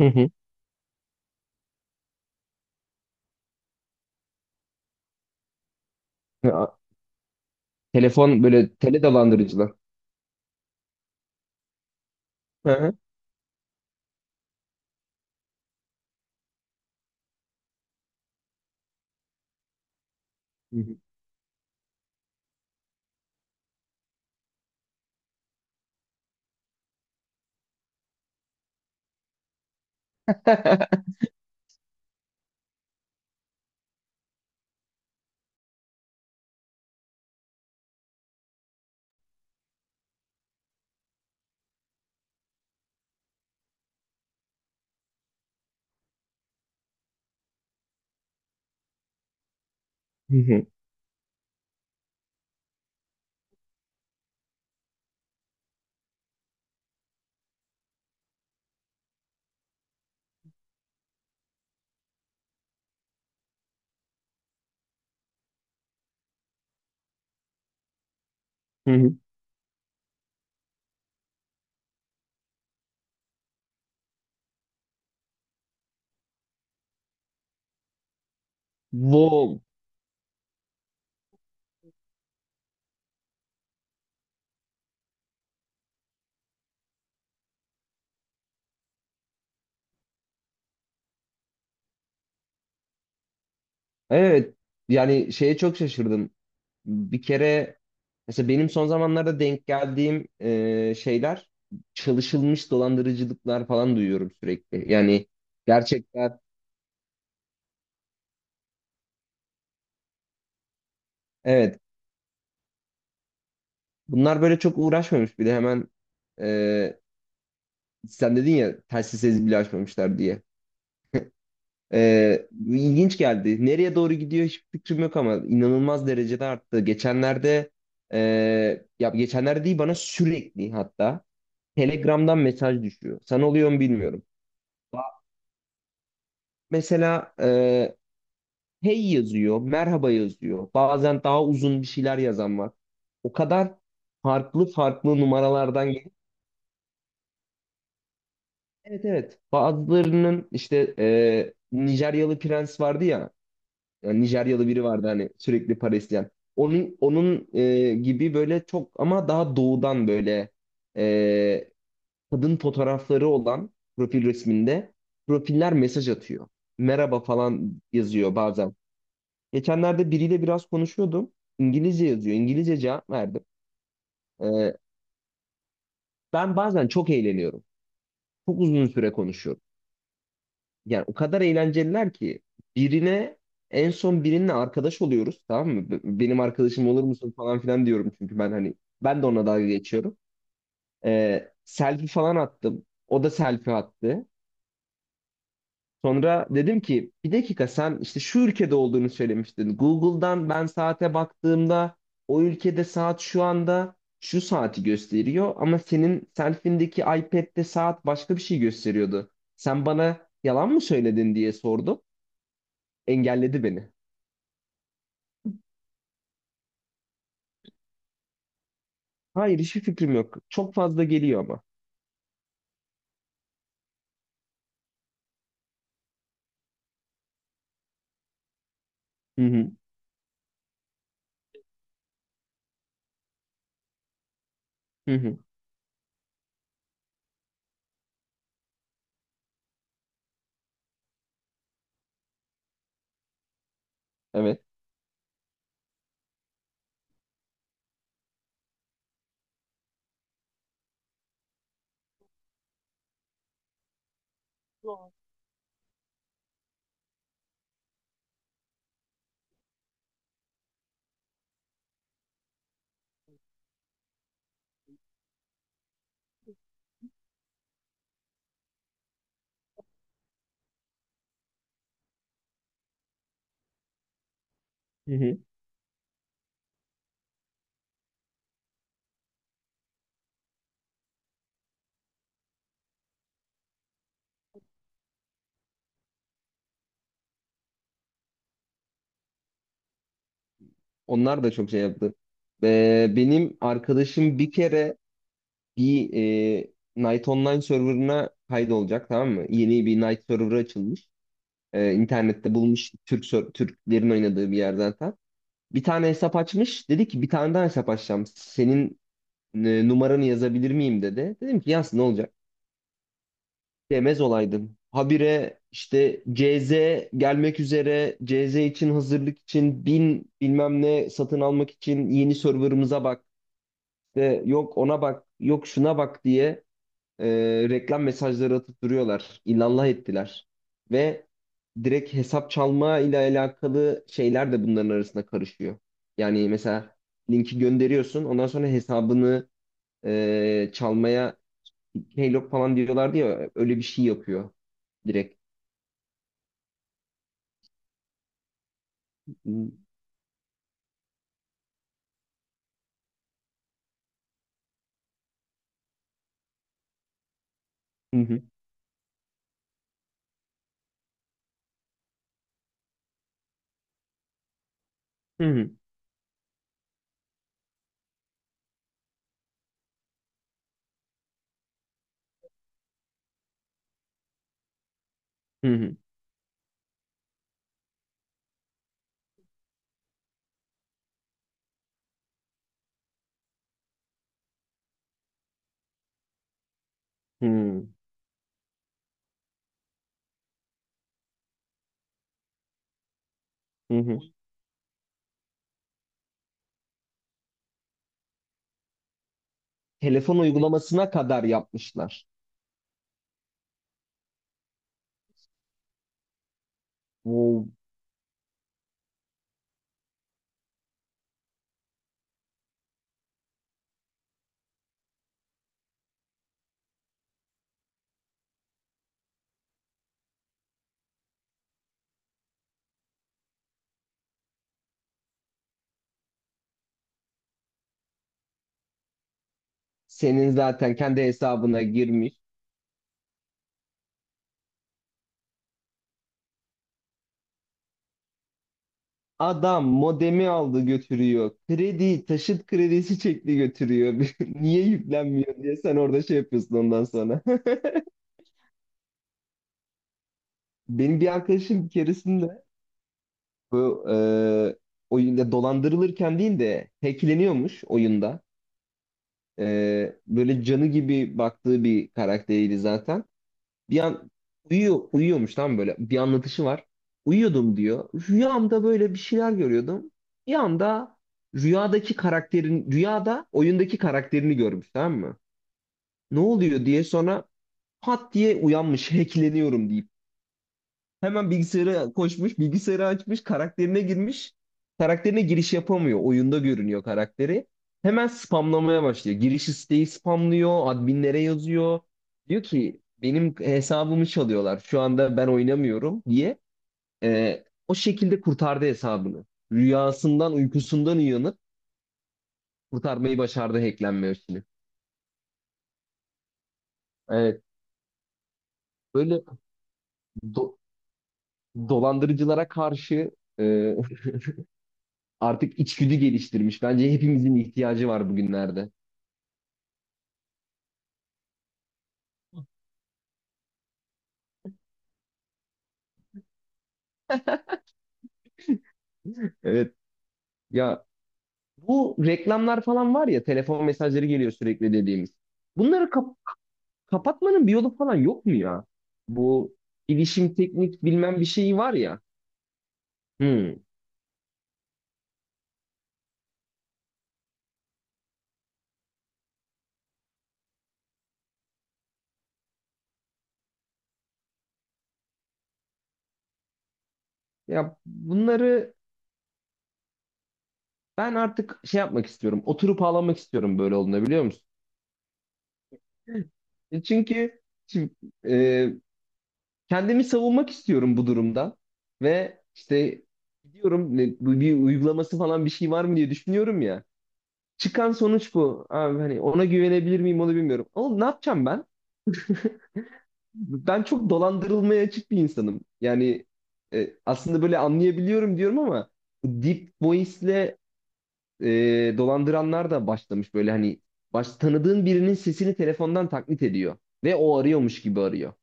Hı hı. Ya, telefon böyle tele dolandırıcılar. Hı hı. Hı hı. Hı hı. Hı hı. Wow. Evet. Yani şeye çok şaşırdım. Bir kere mesela benim son zamanlarda denk geldiğim şeyler çalışılmış dolandırıcılıklar falan duyuyorum sürekli. Yani gerçekten evet. Bunlar böyle çok uğraşmamış bir de hemen e, sen dedin ya telsiz bile açmamışlar diye. İlginç geldi. Nereye doğru gidiyor hiçbir fikrim yok ama inanılmaz derecede arttı. Geçenlerde ya geçenlerde değil, bana sürekli hatta Telegram'dan mesaj düşüyor. Sana oluyor mu bilmiyorum. Ba- Mesela hey yazıyor, merhaba yazıyor. Bazen daha uzun bir şeyler yazan var. O kadar farklı farklı numaralardan gelip. Evet evet. Bazılarının işte Nijeryalı prens vardı ya. Yani Nijeryalı biri vardı hani sürekli para isteyen. Onun gibi böyle çok ama daha doğudan böyle, e, kadın fotoğrafları olan profil resminde profiller mesaj atıyor. Merhaba falan yazıyor bazen. Geçenlerde biriyle biraz konuşuyordum. İngilizce yazıyor, İngilizce cevap verdim. E, Ben bazen çok eğleniyorum. Çok uzun süre konuşuyorum. Yani o kadar eğlenceliler ki birine, en son birinle arkadaş oluyoruz, tamam mı? Benim arkadaşım olur musun falan filan diyorum çünkü ben hani ben de ona dalga geçiyorum. Selfie falan attım, o da selfie attı. Sonra dedim ki bir dakika, sen işte şu ülkede olduğunu söylemiştin. Google'dan ben saate baktığımda o ülkede saat şu anda şu saati gösteriyor ama senin selfindeki iPad'de saat başka bir şey gösteriyordu. Sen bana yalan mı söyledin diye sordum. Engelledi beni. Hayır, hiçbir fikrim yok. Çok fazla geliyor ama. Hı hı. Hı hı. Evet. Hı hı. Onlar da çok şey yaptı. Benim arkadaşım bir kere bir Night Online serverına kaydolacak, tamam mı? Yeni bir Night server açılmış. İnternette bulmuş, Türklerin oynadığı bir yerden tam. Bir tane hesap açmış. Dedi ki bir tane daha hesap açacağım. Senin numaranı yazabilir miyim dedi. Dedim ki yaz, ne olacak? Demez olaydın. Habire işte CZ gelmek üzere, CZ için hazırlık için bin bilmem ne satın almak için yeni serverımıza bak. İşte yok ona bak, yok şuna bak diye e, reklam mesajları atıp duruyorlar. İllallah ettiler. Ve direkt hesap çalma ile alakalı şeyler de bunların arasında karışıyor. Yani mesela linki gönderiyorsun, ondan sonra hesabını çalmaya, Keylog falan diyorlardı ya öyle bir şey yapıyor direkt. Hı hı. Hı hı. Hı hı. Hı hı. Telefon uygulamasına kadar yapmışlar. Wow. Senin zaten kendi hesabına girmiş. Adam modemi aldı götürüyor. Kredi, taşıt kredisi çekti götürüyor. Niye yüklenmiyor diye sen orada şey yapıyorsun ondan sonra. Benim bir arkadaşım bir keresinde bu oyunda dolandırılırken değil de hackleniyormuş oyunda. Böyle canı gibi baktığı bir karakteriydi zaten. Bir an uyuyormuş tam, böyle bir anlatışı var. Uyuyordum diyor. Rüyamda böyle bir şeyler görüyordum. Bir anda rüyada oyundaki karakterini görmüş, tamam mı? Ne oluyor diye sonra pat diye uyanmış, hackleniyorum deyip. Hemen bilgisayara koşmuş, bilgisayarı açmış, karakterine girmiş. Karakterine giriş yapamıyor, oyunda görünüyor karakteri. Hemen spamlamaya başlıyor, giriş isteği spamlıyor, adminlere yazıyor. Diyor ki benim hesabımı çalıyorlar, şu anda ben oynamıyorum diye. O şekilde kurtardı hesabını. Rüyasından, uykusundan uyanıp kurtarmayı başardı hacklenme işini. Evet, böyle do- dolandırıcılara karşı e, artık içgüdü geliştirmiş. Bence hepimizin ihtiyacı var bugünlerde. Evet ya, bu reklamlar falan var ya, telefon mesajları geliyor sürekli dediğimiz. Bunları kapatmanın bir yolu falan yok mu ya? Bu bilişim teknik bilmem bir şeyi var ya. Hmm. Ya bunları ben artık şey yapmak istiyorum. Oturup ağlamak istiyorum böyle olduğunda, biliyor musun? E çünkü şimdi, e, kendimi savunmak istiyorum bu durumda ve işte gidiyorum, bu bir uygulaması falan bir şey var mı diye düşünüyorum ya. Çıkan sonuç bu. Abi hani ona güvenebilir miyim onu bilmiyorum. Oğlum, ne yapacağım ben? Ben çok dolandırılmaya açık bir insanım. Yani aslında böyle anlayabiliyorum diyorum ama bu Deep Voice'le dolandıranlar da başlamış, böyle hani tanıdığın birinin sesini telefondan taklit ediyor ve o arıyormuş gibi arıyor.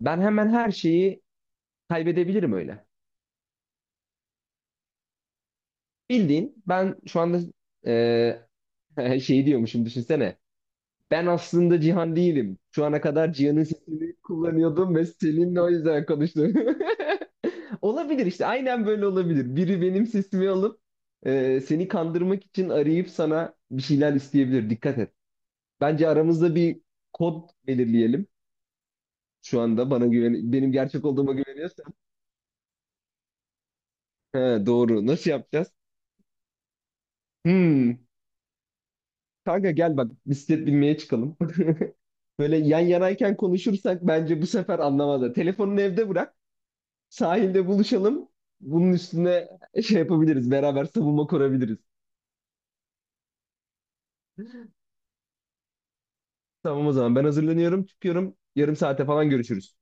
Ben hemen her şeyi kaybedebilirim öyle. Bildiğin ben şu anda şeyi diyormuşum, düşünsene. Ben aslında Cihan değilim. Şu ana kadar Cihan'ın sesini kullanıyordum ve seninle o yüzden konuştum. Olabilir, işte aynen böyle olabilir. Biri benim sesimi alıp seni kandırmak için arayıp sana bir şeyler isteyebilir. Dikkat et. Bence aramızda bir kod belirleyelim. Şu anda bana güven, benim gerçek olduğuma güveniyorsan. He, doğru. Nasıl yapacağız? Hmm. Kanka gel bak, bisiklet binmeye çıkalım. Böyle yan yanayken konuşursak bence bu sefer anlamazlar. Telefonunu evde bırak. Sahilde buluşalım. Bunun üstüne şey yapabiliriz, beraber savunma kurabiliriz. Tamam o zaman, ben hazırlanıyorum, çıkıyorum. Yarım saate falan görüşürüz.